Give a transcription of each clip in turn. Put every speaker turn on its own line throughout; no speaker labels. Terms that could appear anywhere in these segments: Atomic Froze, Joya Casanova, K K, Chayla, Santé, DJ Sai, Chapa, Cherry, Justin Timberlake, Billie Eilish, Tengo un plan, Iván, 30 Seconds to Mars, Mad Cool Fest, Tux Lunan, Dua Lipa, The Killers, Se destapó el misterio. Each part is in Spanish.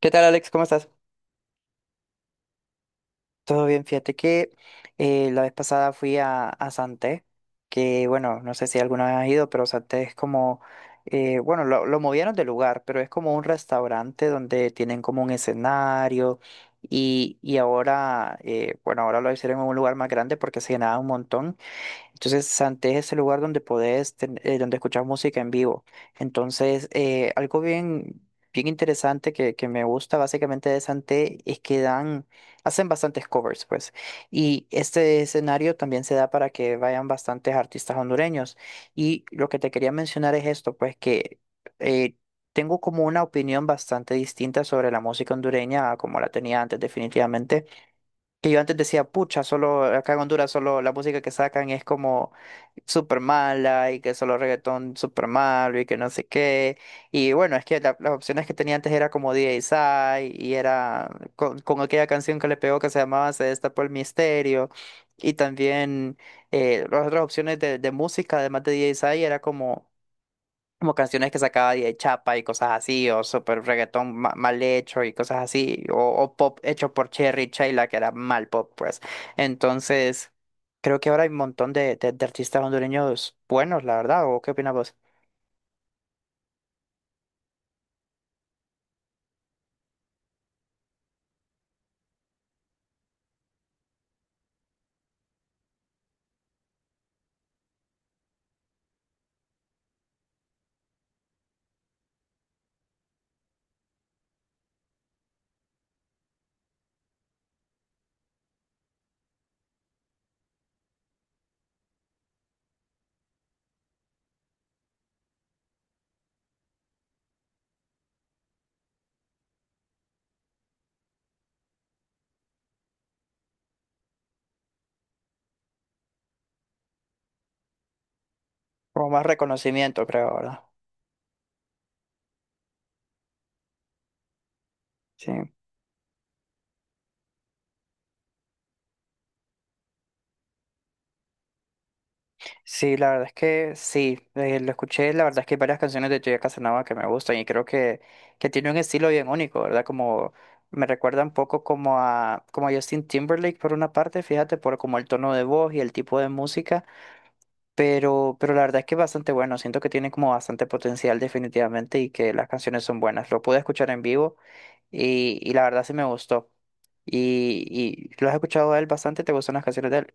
¿Qué tal, Alex? ¿Cómo estás? Todo bien, fíjate que la vez pasada fui a Santé, que bueno, no sé si alguna vez has ido, pero Santé es como, bueno, lo movieron de lugar, pero es como un restaurante donde tienen como un escenario y ahora, bueno, ahora lo hicieron en un lugar más grande porque se llenaba un montón. Entonces, Santé es el lugar donde podés, donde escuchar música en vivo. Entonces, algo bien, bien interesante que me gusta básicamente de Santé es que dan, hacen bastantes covers, pues. Y este escenario también se da para que vayan bastantes artistas hondureños. Y lo que te quería mencionar es esto, pues que eh, tengo como una opinión bastante distinta sobre la música hondureña a como la tenía antes, definitivamente. Que yo antes decía, pucha, solo acá en Honduras solo la música que sacan es como súper mala y que solo reggaetón súper malo y que no sé qué. Y bueno, es que las opciones que tenía antes era como DJ Sai y era con aquella canción que le pegó que se llamaba Se destapó el misterio. Y también las otras opciones de música, además de DJ Sai, era como como canciones que sacaba de Chapa y cosas así, o super reggaetón mal hecho y cosas así, o pop hecho por Cherry y Chayla, que era mal pop, pues. Entonces, creo que ahora hay un montón de artistas hondureños buenos, la verdad, ¿o qué opinas vos? Como más reconocimiento, creo, ¿verdad? Sí. Sí, la verdad es que sí, lo escuché, la verdad es que hay varias canciones de Joya Casanova que me gustan y creo que tiene un estilo bien único, ¿verdad? Como me recuerda un poco como a Justin Timberlake por una parte, fíjate, por como el tono de voz y el tipo de música, pero la verdad es que es bastante bueno, siento que tiene como bastante potencial definitivamente y que las canciones son buenas. Lo pude escuchar en vivo y la verdad sí me gustó. ¿Y, ¿Y lo has escuchado a él bastante? ¿Te gustan las canciones de él?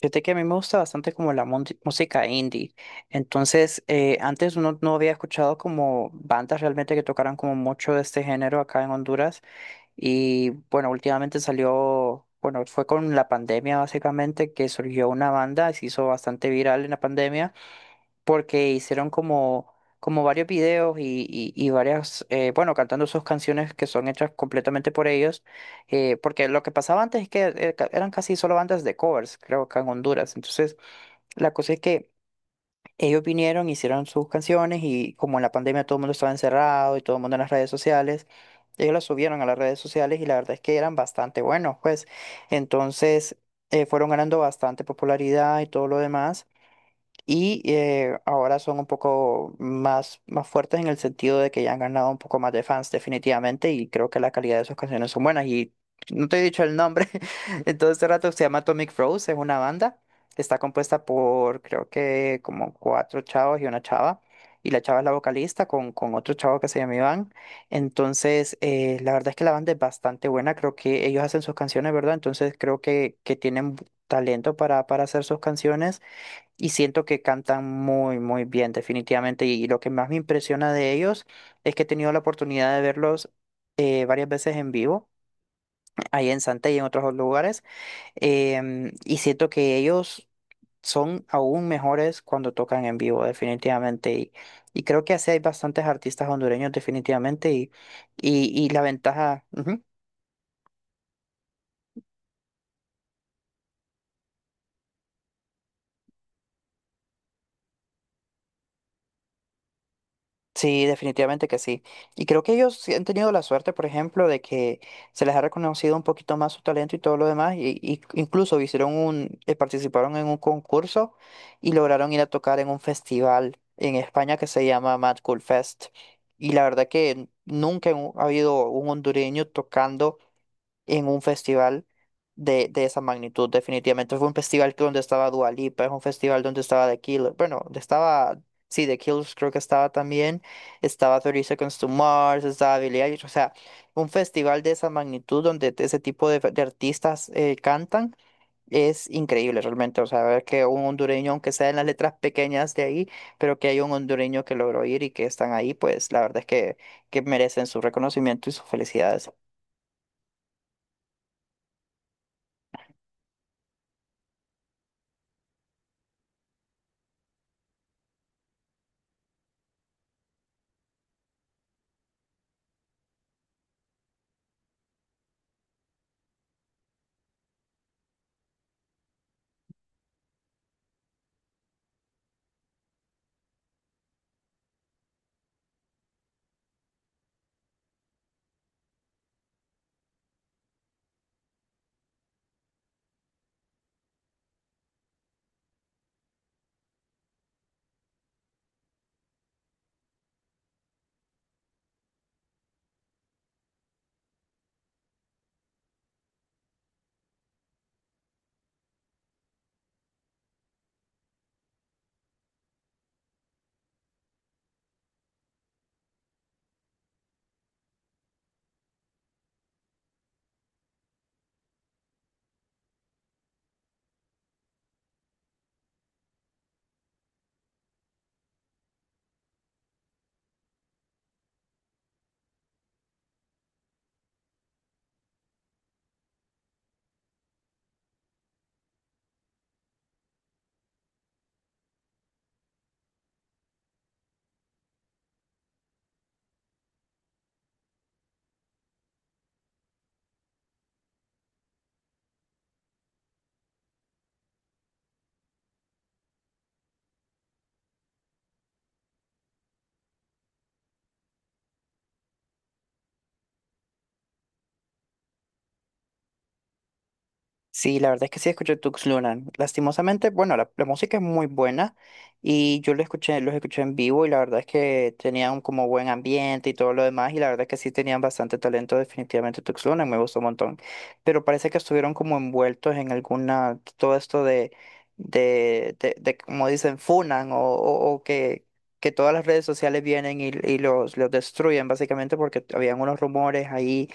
Fíjate que a mí me gusta bastante como la música indie. Entonces, antes uno no había escuchado como bandas realmente que tocaran como mucho de este género acá en Honduras. Y bueno, últimamente salió, bueno, fue con la pandemia básicamente que surgió una banda, se hizo bastante viral en la pandemia porque hicieron como, como varios videos y varias, bueno, cantando sus canciones que son hechas completamente por ellos, porque lo que pasaba antes es que eran casi solo bandas de covers, creo que en Honduras. Entonces, la cosa es que ellos vinieron, hicieron sus canciones y como en la pandemia todo el mundo estaba encerrado y todo el mundo en las redes sociales. Ellos las subieron a las redes sociales y la verdad es que eran bastante buenos, pues. Entonces, fueron ganando bastante popularidad y todo lo demás. Y ahora son un poco más, más fuertes en el sentido de que ya han ganado un poco más de fans definitivamente y creo que la calidad de sus canciones son buenas. Y no te he dicho el nombre, entonces este rato se llama Atomic Froze, es una banda, está compuesta por creo que como cuatro chavos y una chava. Y la chava es la vocalista con otro chavo que se llama Iván. Entonces, la verdad es que la banda es bastante buena. Creo que ellos hacen sus canciones, ¿verdad? Entonces, creo que tienen talento para hacer sus canciones. Y siento que cantan muy, muy bien, definitivamente. Y lo que más me impresiona de ellos es que he tenido la oportunidad de verlos varias veces en vivo, ahí en Santa y en otros lugares. Y siento que ellos son aún mejores cuando tocan en vivo, definitivamente. Y creo que así hay bastantes artistas hondureños, definitivamente. Y la ventaja. Ujú. Sí, definitivamente que sí. Y creo que ellos sí han tenido la suerte, por ejemplo, de que se les ha reconocido un poquito más su talento y todo lo demás. Y incluso hicieron un, participaron en un concurso y lograron ir a tocar en un festival en España que se llama Mad Cool Fest. Y la verdad que nunca ha habido un hondureño tocando en un festival de esa magnitud, definitivamente. Fue un festival que donde estaba Dua Lipa, es un festival donde estaba The Killers, bueno, donde estaba, sí, The Killers creo que estaba también, estaba 30 Seconds to Mars, estaba Billie Eilish, o sea, un festival de esa magnitud donde ese tipo de artistas cantan. Es increíble realmente, o sea, ver que un hondureño, aunque sea en las letras pequeñas de ahí, pero que hay un hondureño que logró ir y que están ahí, pues la verdad es que merecen su reconocimiento y sus felicidades. Sí, la verdad es que sí escuché Tux Lunan. Lastimosamente, bueno, la música es muy buena y yo lo escuché, los escuché en vivo y la verdad es que tenían como buen ambiente y todo lo demás y la verdad es que sí tenían bastante talento definitivamente Tux Lunan, me gustó un montón. Pero parece que estuvieron como envueltos en alguna, todo esto de como dicen, funan o que todas las redes sociales vienen y los destruyen básicamente porque habían unos rumores ahí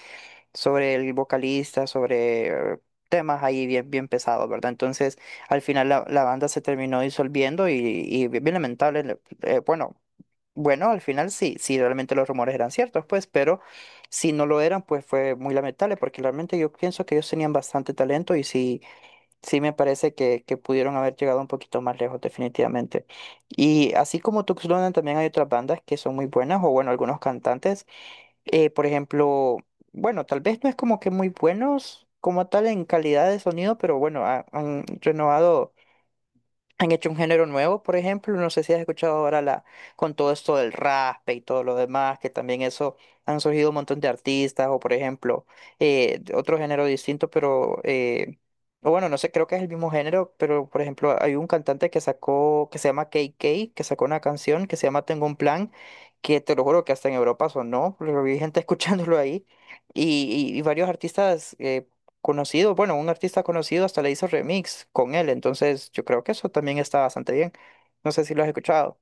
sobre el vocalista, sobre eh, temas ahí bien, bien pesados, ¿verdad? Entonces, al final la banda se terminó disolviendo y bien bien lamentable, bueno, bueno, al final sí, sí, realmente los rumores eran ciertos, pues, pero si no lo eran, pues fue muy lamentable, porque realmente yo pienso que ellos tenían bastante talento y sí, sí me parece que pudieron haber llegado un poquito más lejos, definitivamente. Y así como Tuxtlan, también hay otras bandas que son muy buenas, o bueno, algunos cantantes por ejemplo, bueno, tal vez no es como que muy buenos como tal en calidad de sonido, pero bueno, han renovado, han hecho un género nuevo, por ejemplo, no sé si has escuchado ahora la, con todo esto del raspe y todo lo demás, que también eso han surgido un montón de artistas, o por ejemplo, otro género distinto, pero o bueno, no sé, creo que es el mismo género, pero por ejemplo, hay un cantante que sacó, que se llama K K que sacó una canción que se llama Tengo un plan, que te lo juro que hasta en Europa sonó, pero vi gente escuchándolo ahí, y varios artistas conocidos, bueno, un artista conocido hasta le hizo remix con él, entonces yo creo que eso también está bastante bien. No sé si lo has escuchado.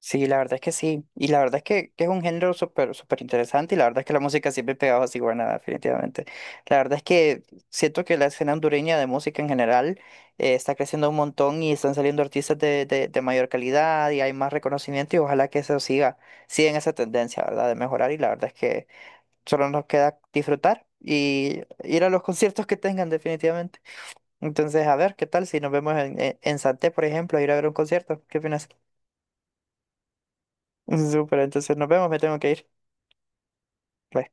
Sí, la verdad es que sí. Y la verdad es que es un género súper súper interesante y la verdad es que la música siempre pegaba así, bueno, definitivamente. La verdad es que siento que la escena hondureña de música en general está creciendo un montón y están saliendo artistas de de mayor calidad y hay más reconocimiento y ojalá que eso siga, siga en esa tendencia, ¿verdad? De mejorar y la verdad es que solo nos queda disfrutar y ir a los conciertos que tengan definitivamente. Entonces, a ver, ¿qué tal si nos vemos en Santé, por ejemplo, a ir a ver un concierto? ¿Qué opinas? Súper, entonces nos vemos, me tengo que ir. Bye.